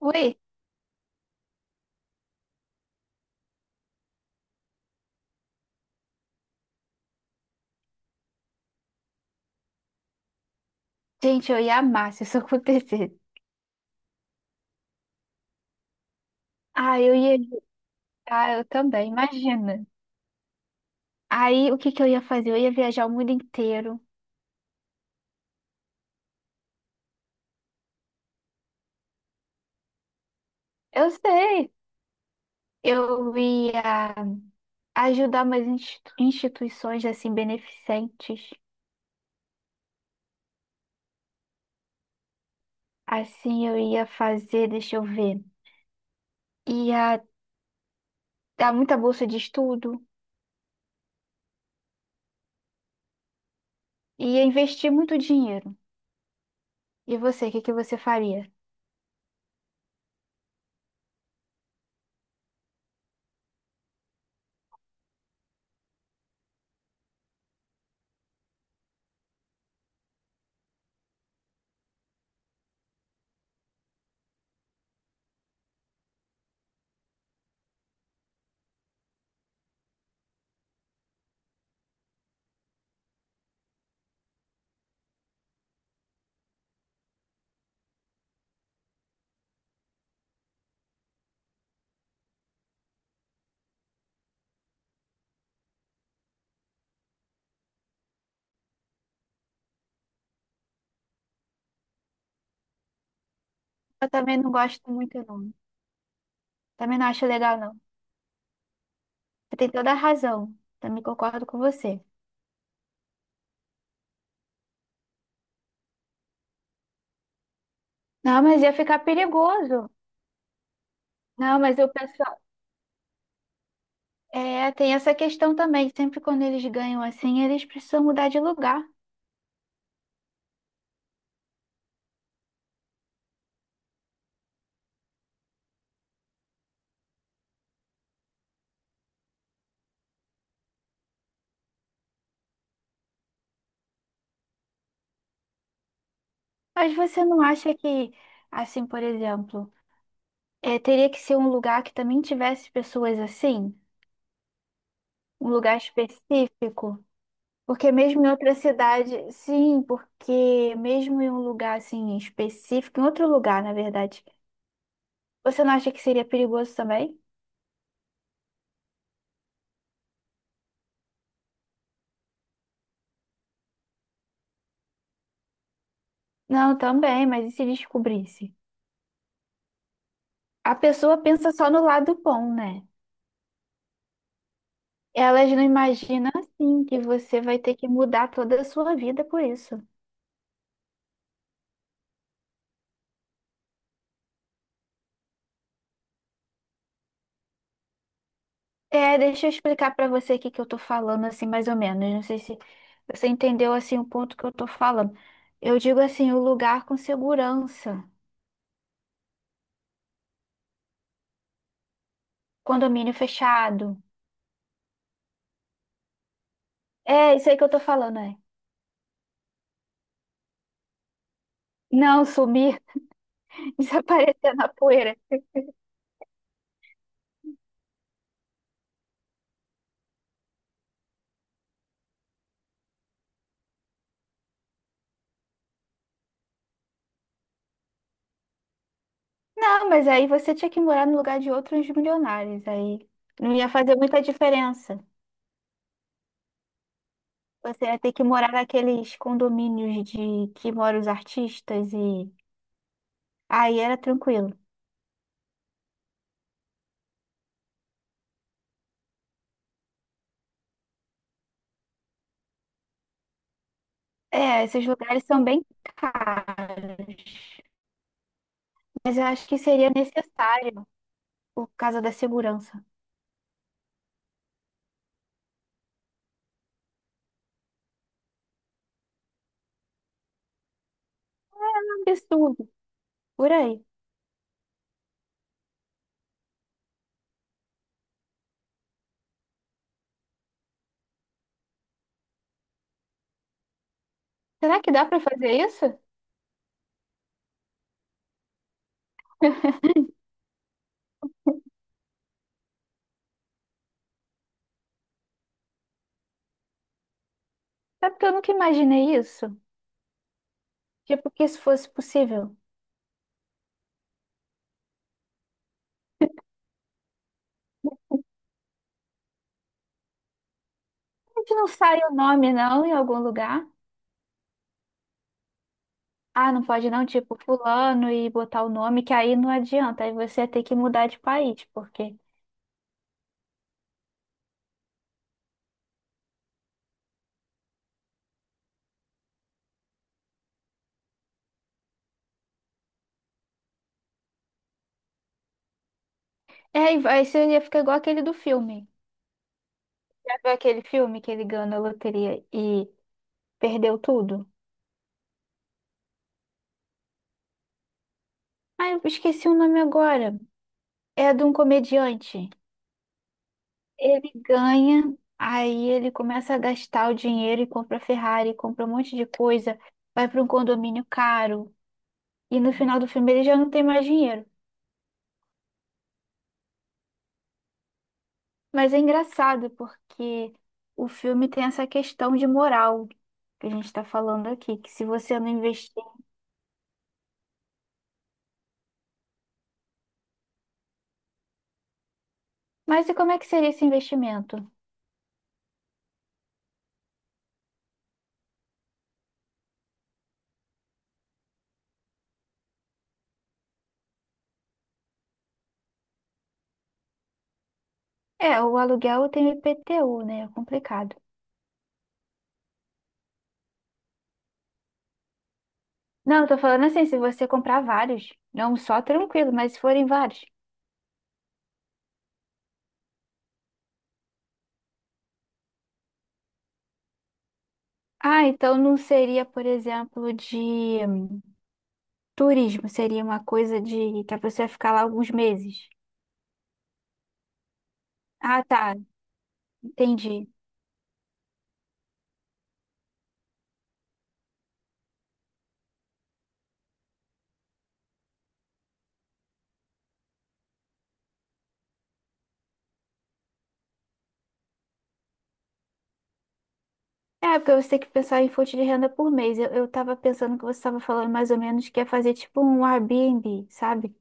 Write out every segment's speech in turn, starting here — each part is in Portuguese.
Ui, gente, eu ia amar se isso acontecesse. Ah, eu ia. Ah, eu também, imagina. Aí, o que que eu ia fazer? Eu ia viajar o mundo inteiro. Eu sei. Eu ia ajudar umas instituições, assim, beneficentes. Assim, eu ia fazer, deixa eu ver. Ia dar muita bolsa de estudo. Ia investir muito dinheiro. E você, o que que você faria? Eu também não gosto muito, não. Também não acho legal, não. Você tem toda a razão. Também concordo com você. Não, mas ia ficar perigoso. Não, mas o pessoal. É, tem essa questão também. Sempre quando eles ganham assim, eles precisam mudar de lugar. Mas você não acha que, assim, por exemplo, é, teria que ser um lugar que também tivesse pessoas assim? Um lugar específico? Porque mesmo em outra cidade, sim, porque mesmo em um lugar assim específico, em outro lugar, na verdade, você não acha que seria perigoso também? Não, também, mas e se descobrisse? A pessoa pensa só no lado bom, né? Elas não imaginam assim que você vai ter que mudar toda a sua vida por isso. É, deixa eu explicar para você o que que eu tô falando assim mais ou menos. Não sei se você entendeu assim o ponto que eu tô falando. Eu digo assim, o lugar com segurança, condomínio fechado. É isso aí que eu tô falando, é. Não sumir, desaparecer na poeira. Não, mas aí você tinha que morar no lugar de outros milionários, aí não ia fazer muita diferença. Você ia ter que morar naqueles condomínios de que moram os artistas e aí era tranquilo. É, esses lugares são bem caros, mas eu acho que seria necessário por causa da segurança. Um absurdo, por aí. Será que dá para fazer isso? É porque eu nunca imaginei isso? Tipo, que isso fosse possível. A gente não sai o nome, não, em algum lugar. Ah, não pode não, tipo, fulano e botar o nome, que aí não adianta. Aí você ia ter que mudar de país, porque é, e isso ia ficar igual aquele do filme. Já viu aquele filme que ele ganhou na loteria e perdeu tudo? Ah, eu esqueci o nome agora. É de um comediante. Ele ganha, aí ele começa a gastar o dinheiro e compra Ferrari, compra um monte de coisa, vai para um condomínio caro. E no final do filme ele já não tem mais dinheiro. Mas é engraçado porque o filme tem essa questão de moral que a gente está falando aqui, que se você não investir. Mas e como é que seria esse investimento? É, o aluguel tem o IPTU, né? É complicado. Não, eu tô falando assim, se você comprar vários, não só tranquilo, mas se forem vários. Ah, então não seria, por exemplo, de turismo, seria uma coisa de pra pessoa ficar lá alguns meses. Ah, tá, entendi. É, porque você tem que pensar em fonte de renda por mês. Eu tava pensando que você estava falando mais ou menos que é fazer tipo um Airbnb, sabe?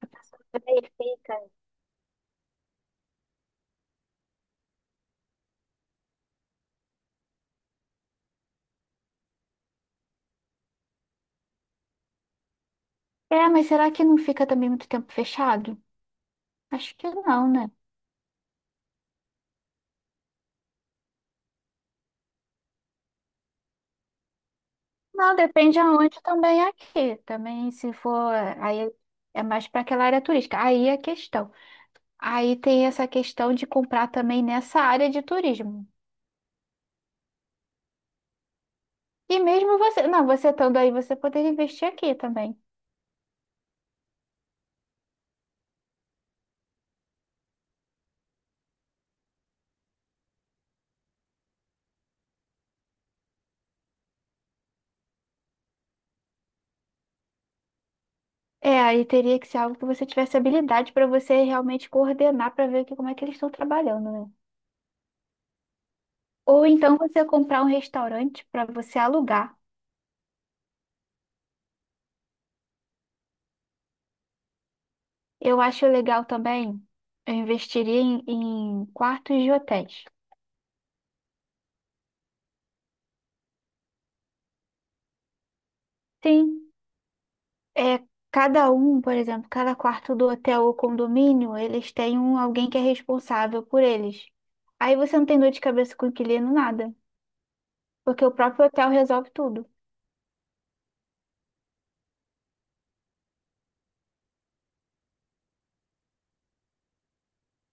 A pessoa também fica. É, mas será que não fica também muito tempo fechado? Acho que não, né? Não, depende aonde também é aqui. Também se for, aí é mais para aquela área turística. Aí é a questão. Aí tem essa questão de comprar também nessa área de turismo. E mesmo você, não, você estando aí, você poderia investir aqui também. É, aí teria que ser algo que você tivesse habilidade para você realmente coordenar para ver que, como é que eles estão trabalhando, né? Ou então você comprar um restaurante para você alugar. Eu acho legal também, eu investiria em quartos de hotéis. Sim. É, cada um, por exemplo, cada quarto do hotel ou condomínio, eles têm um, alguém que é responsável por eles. Aí você não tem dor de cabeça com o inquilino, nada, porque o próprio hotel resolve tudo.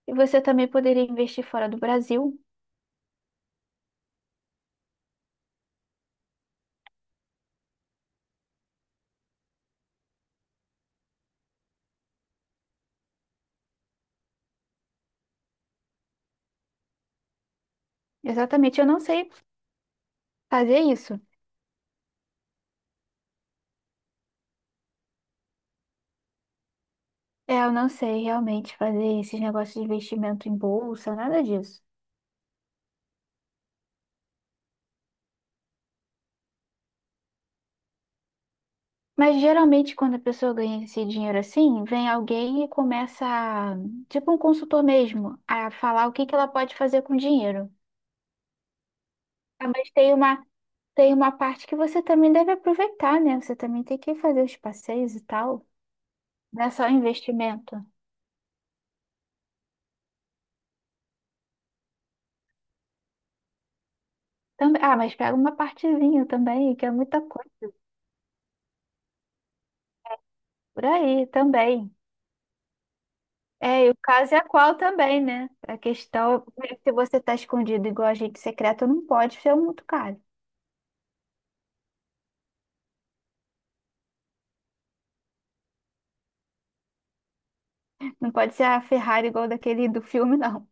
E você também poderia investir fora do Brasil. Exatamente, eu não sei fazer isso. É, eu não sei realmente fazer esses negócios de investimento em bolsa, nada disso. Mas geralmente quando a pessoa ganha esse dinheiro assim, vem alguém e começa, a- tipo um consultor mesmo, a falar o que que ela pode fazer com o dinheiro. Ah, mas tem uma parte que você também deve aproveitar, né? Você também tem que fazer os passeios e tal. Não é só investimento. Também, ah, mas pega uma partezinha também, que é muita coisa por aí também. É, e o caso é qual também, né? A questão é que se você tá escondido igual agente secreto, não pode ser muito caro. Não pode ser a Ferrari igual daquele do filme, não.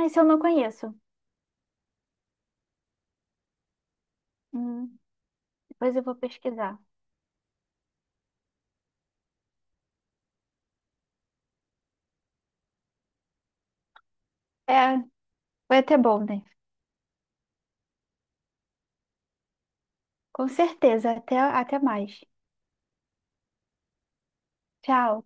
Esse eu não conheço. Hum, depois eu vou pesquisar. É, foi até bom, né? Com certeza. Até, até mais. Tchau.